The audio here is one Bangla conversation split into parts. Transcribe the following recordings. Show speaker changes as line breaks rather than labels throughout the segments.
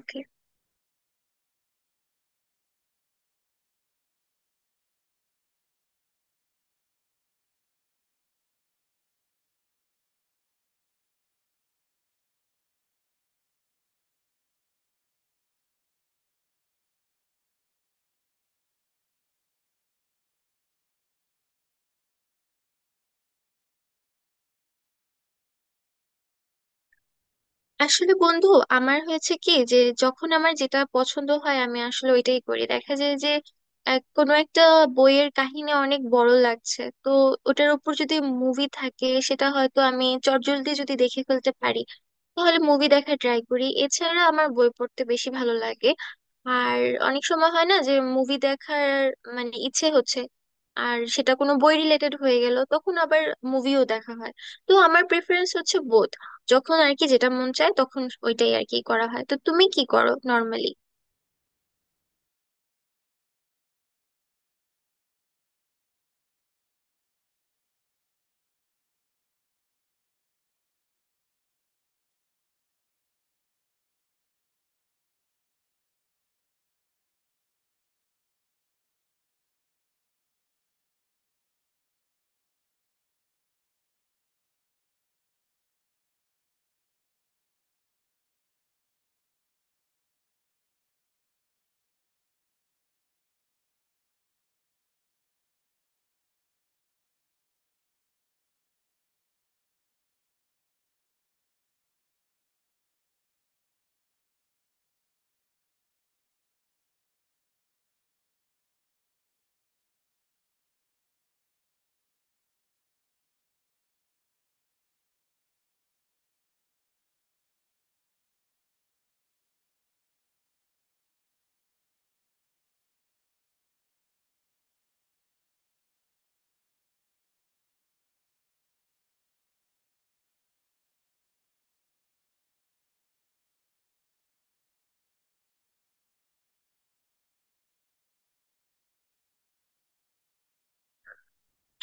ওকে। আসলে বন্ধু, আমার হয়েছে কি যে, যখন আমার যেটা পছন্দ হয় আমি আসলে ওইটাই করি। দেখা যায় যে কোনো একটা বইয়ের কাহিনী অনেক বড় লাগছে, তো ওটার উপর যদি মুভি থাকে, সেটা হয়তো আমি চটজলদি যদি দেখে ফেলতে পারি, তাহলে মুভি দেখা ট্রাই করি। এছাড়া আমার বই পড়তে বেশি ভালো লাগে। আর অনেক সময় হয় না যে মুভি দেখার মানে ইচ্ছে হচ্ছে, আর সেটা কোনো বই রিলেটেড হয়ে গেল, তখন আবার মুভিও দেখা হয়। তো আমার প্রেফারেন্স হচ্ছে বোথ। যখন আর কি যেটা মন চায় তখন ওইটাই আর কি করা হয়। তো তুমি কি করো নর্মালি?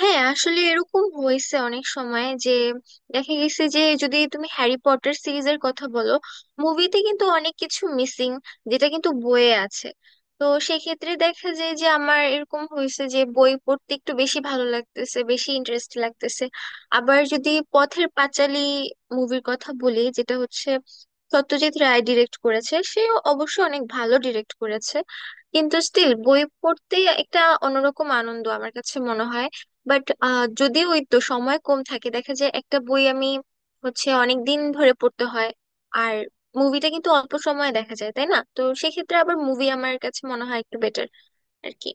হ্যাঁ, আসলে এরকম হয়েছে অনেক সময় যে, দেখা গেছে যে যদি তুমি হ্যারি পটার সিরিজের কথা বলো, মুভিতে কিন্তু অনেক কিছু মিসিং যেটা কিন্তু বইয়ে আছে। তো সেক্ষেত্রে দেখা যায় যে আমার এরকম হয়েছে যে বই পড়তে একটু বেশি ভালো লাগতেছে, বেশি ইন্টারেস্ট লাগতেছে। আবার যদি পথের পাঁচালী মুভির কথা বলি, যেটা হচ্ছে সত্যজিৎ রায় ডিরেক্ট করেছে, সেও অবশ্য অনেক ভালো ডিরেক্ট করেছে, কিন্তু স্টিল বই পড়তে একটা অন্যরকম আনন্দ আমার কাছে মনে হয়। বাট যদি ওই তো সময় কম থাকে, দেখা যায় একটা বই আমি হচ্ছে অনেক দিন ধরে পড়তে হয়, আর মুভিটা কিন্তু অল্প সময়ে দেখা যায়, তাই না? তো সেক্ষেত্রে আবার মুভি আমার কাছে মনে হয় একটু বেটার আর কি।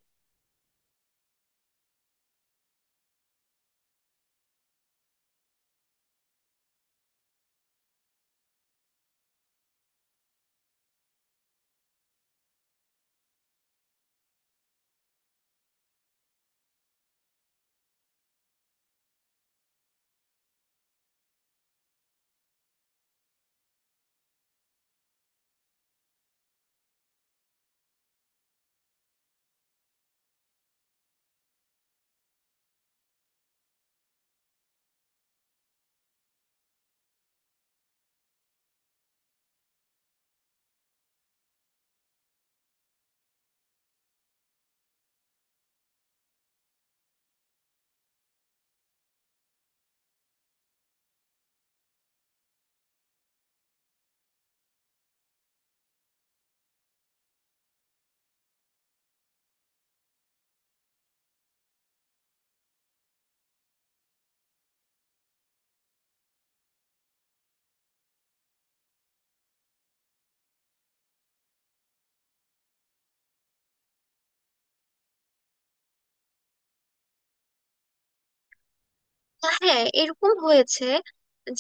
তা হ্যাঁ, এরকম হয়েছে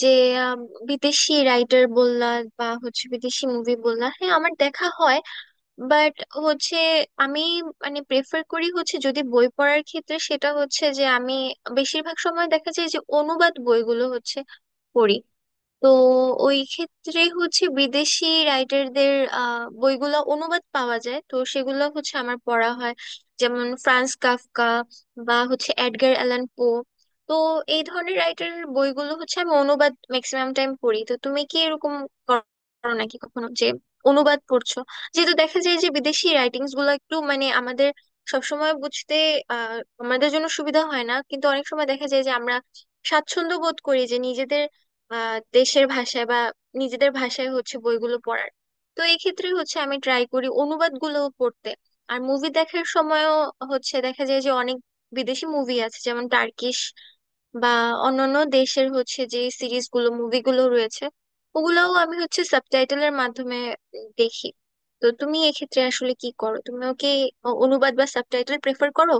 যে, আম, বিদেশি রাইটার বললা বা হচ্ছে বিদেশি মুভি বললা, হ্যাঁ আমার দেখা হয়। বাট হচ্ছে আমি মানে প্রেফার করি, হচ্ছে যদি বই পড়ার ক্ষেত্রে, সেটা হচ্ছে যে আমি বেশিরভাগ সময় দেখা যায় যে অনুবাদ বইগুলো হচ্ছে পড়ি। তো ওই ক্ষেত্রে হচ্ছে বিদেশি রাইটারদের বইগুলো অনুবাদ পাওয়া যায়, তো সেগুলো হচ্ছে আমার পড়া হয়। যেমন ফ্রান্স কাফকা বা হচ্ছে এডগার অ্যালান পো। তো এই ধরনের রাইটারের বইগুলো হচ্ছে আমি অনুবাদ ম্যাক্সিমাম টাইম পড়ি। তো তুমি কি এরকম করো নাকি কখনো যে অনুবাদ পড়ছো? যেহেতু দেখা যায় যে বিদেশি রাইটিংস গুলো একটু মানে আমাদের সবসময় বুঝতে আহ আমাদের জন্য সুবিধা হয় না, কিন্তু অনেক সময় দেখা যায় যে আমরা স্বাচ্ছন্দ্য বোধ করি যে নিজেদের দেশের ভাষায় বা নিজেদের ভাষায় হচ্ছে বইগুলো পড়ার। তো এই ক্ষেত্রে হচ্ছে আমি ট্রাই করি অনুবাদগুলো পড়তে। আর মুভি দেখার সময়ও হচ্ছে দেখা যায় যে অনেক বিদেশি মুভি আছে, যেমন টার্কিশ বা অন্যান্য দেশের হচ্ছে যে সিরিজগুলো, মুভিগুলো রয়েছে, ওগুলোও আমি হচ্ছে সাবটাইটেলের মাধ্যমে দেখি। তো তুমি এক্ষেত্রে আসলে কি করো? তুমিও কি অনুবাদ বা সাবটাইটেল প্রেফার করো?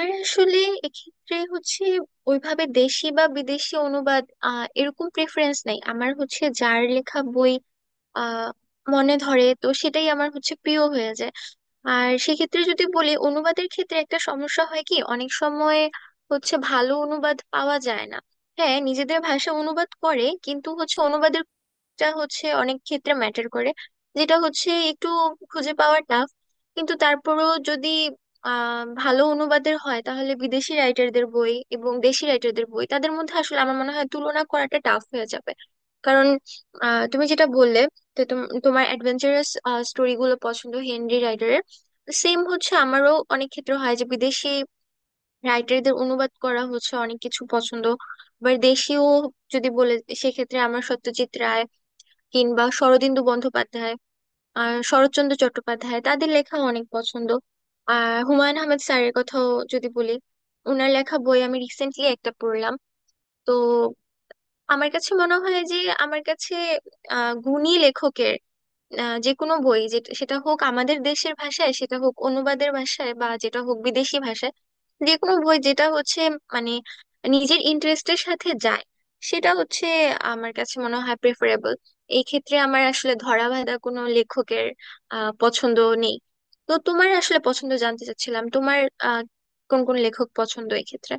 আর আসলে এক্ষেত্রে হচ্ছে ওইভাবে দেশি বা বিদেশি অনুবাদ এরকম প্রেফারেন্স নাই। আমার হচ্ছে যার লেখা বই আহ মনে ধরে তো সেটাই আমার হচ্ছে প্রিয় হয়ে যায়। আর সেক্ষেত্রে যদি বলি, অনুবাদের ক্ষেত্রে একটা সমস্যা হয় কি অনেক সময় হচ্ছে ভালো অনুবাদ পাওয়া যায় না। হ্যাঁ, নিজেদের ভাষা অনুবাদ করে কিন্তু হচ্ছে অনুবাদের টা হচ্ছে অনেক ক্ষেত্রে ম্যাটার করে, যেটা হচ্ছে একটু খুঁজে পাওয়া টাফ। কিন্তু তারপরেও যদি ভালো অনুবাদের হয়, তাহলে বিদেশি রাইটারদের বই এবং দেশি রাইটারদের বই, তাদের মধ্যে আসলে আমার মনে হয় তুলনা করাটা টাফ হয়ে যাবে। কারণ তুমি যেটা বললে, তোমার অ্যাডভেঞ্চারাস স্টোরি গুলো পছন্দ হেনরি রাইটারের। সেম হচ্ছে আমারও, অনেক ক্ষেত্রে হয় যে বিদেশি রাইটারদের অনুবাদ করা হচ্ছে অনেক কিছু পছন্দ। আবার দেশীয় যদি বলে, সেক্ষেত্রে আমার সত্যজিৎ রায় কিংবা শরদিন্দু বন্দ্যোপাধ্যায় আর শরৎচন্দ্র চট্টোপাধ্যায় তাদের লেখা অনেক পছন্দ। আর হুমায়ুন আহমেদ স্যারের কথাও যদি বলি, ওনার লেখা বই আমি রিসেন্টলি একটা পড়লাম। তো আমার কাছে মনে হয় যে, আমার কাছে গুণী লেখকের যে কোনো বই, যেটা সেটা হোক আমাদের দেশের ভাষায়, সেটা হোক অনুবাদের ভাষায়, বা যেটা হোক বিদেশি ভাষায়, যে কোনো বই যেটা হচ্ছে মানে নিজের ইন্টারেস্টের সাথে যায়, সেটা হচ্ছে আমার কাছে মনে হয় প্রেফারেবল। এই ক্ষেত্রে আমার আসলে ধরাবাঁধা কোনো লেখকের পছন্দ নেই। তো তোমার আসলে পছন্দ জানতে চাচ্ছিলাম, তোমার আহ কোন কোন লেখক পছন্দ এই ক্ষেত্রে।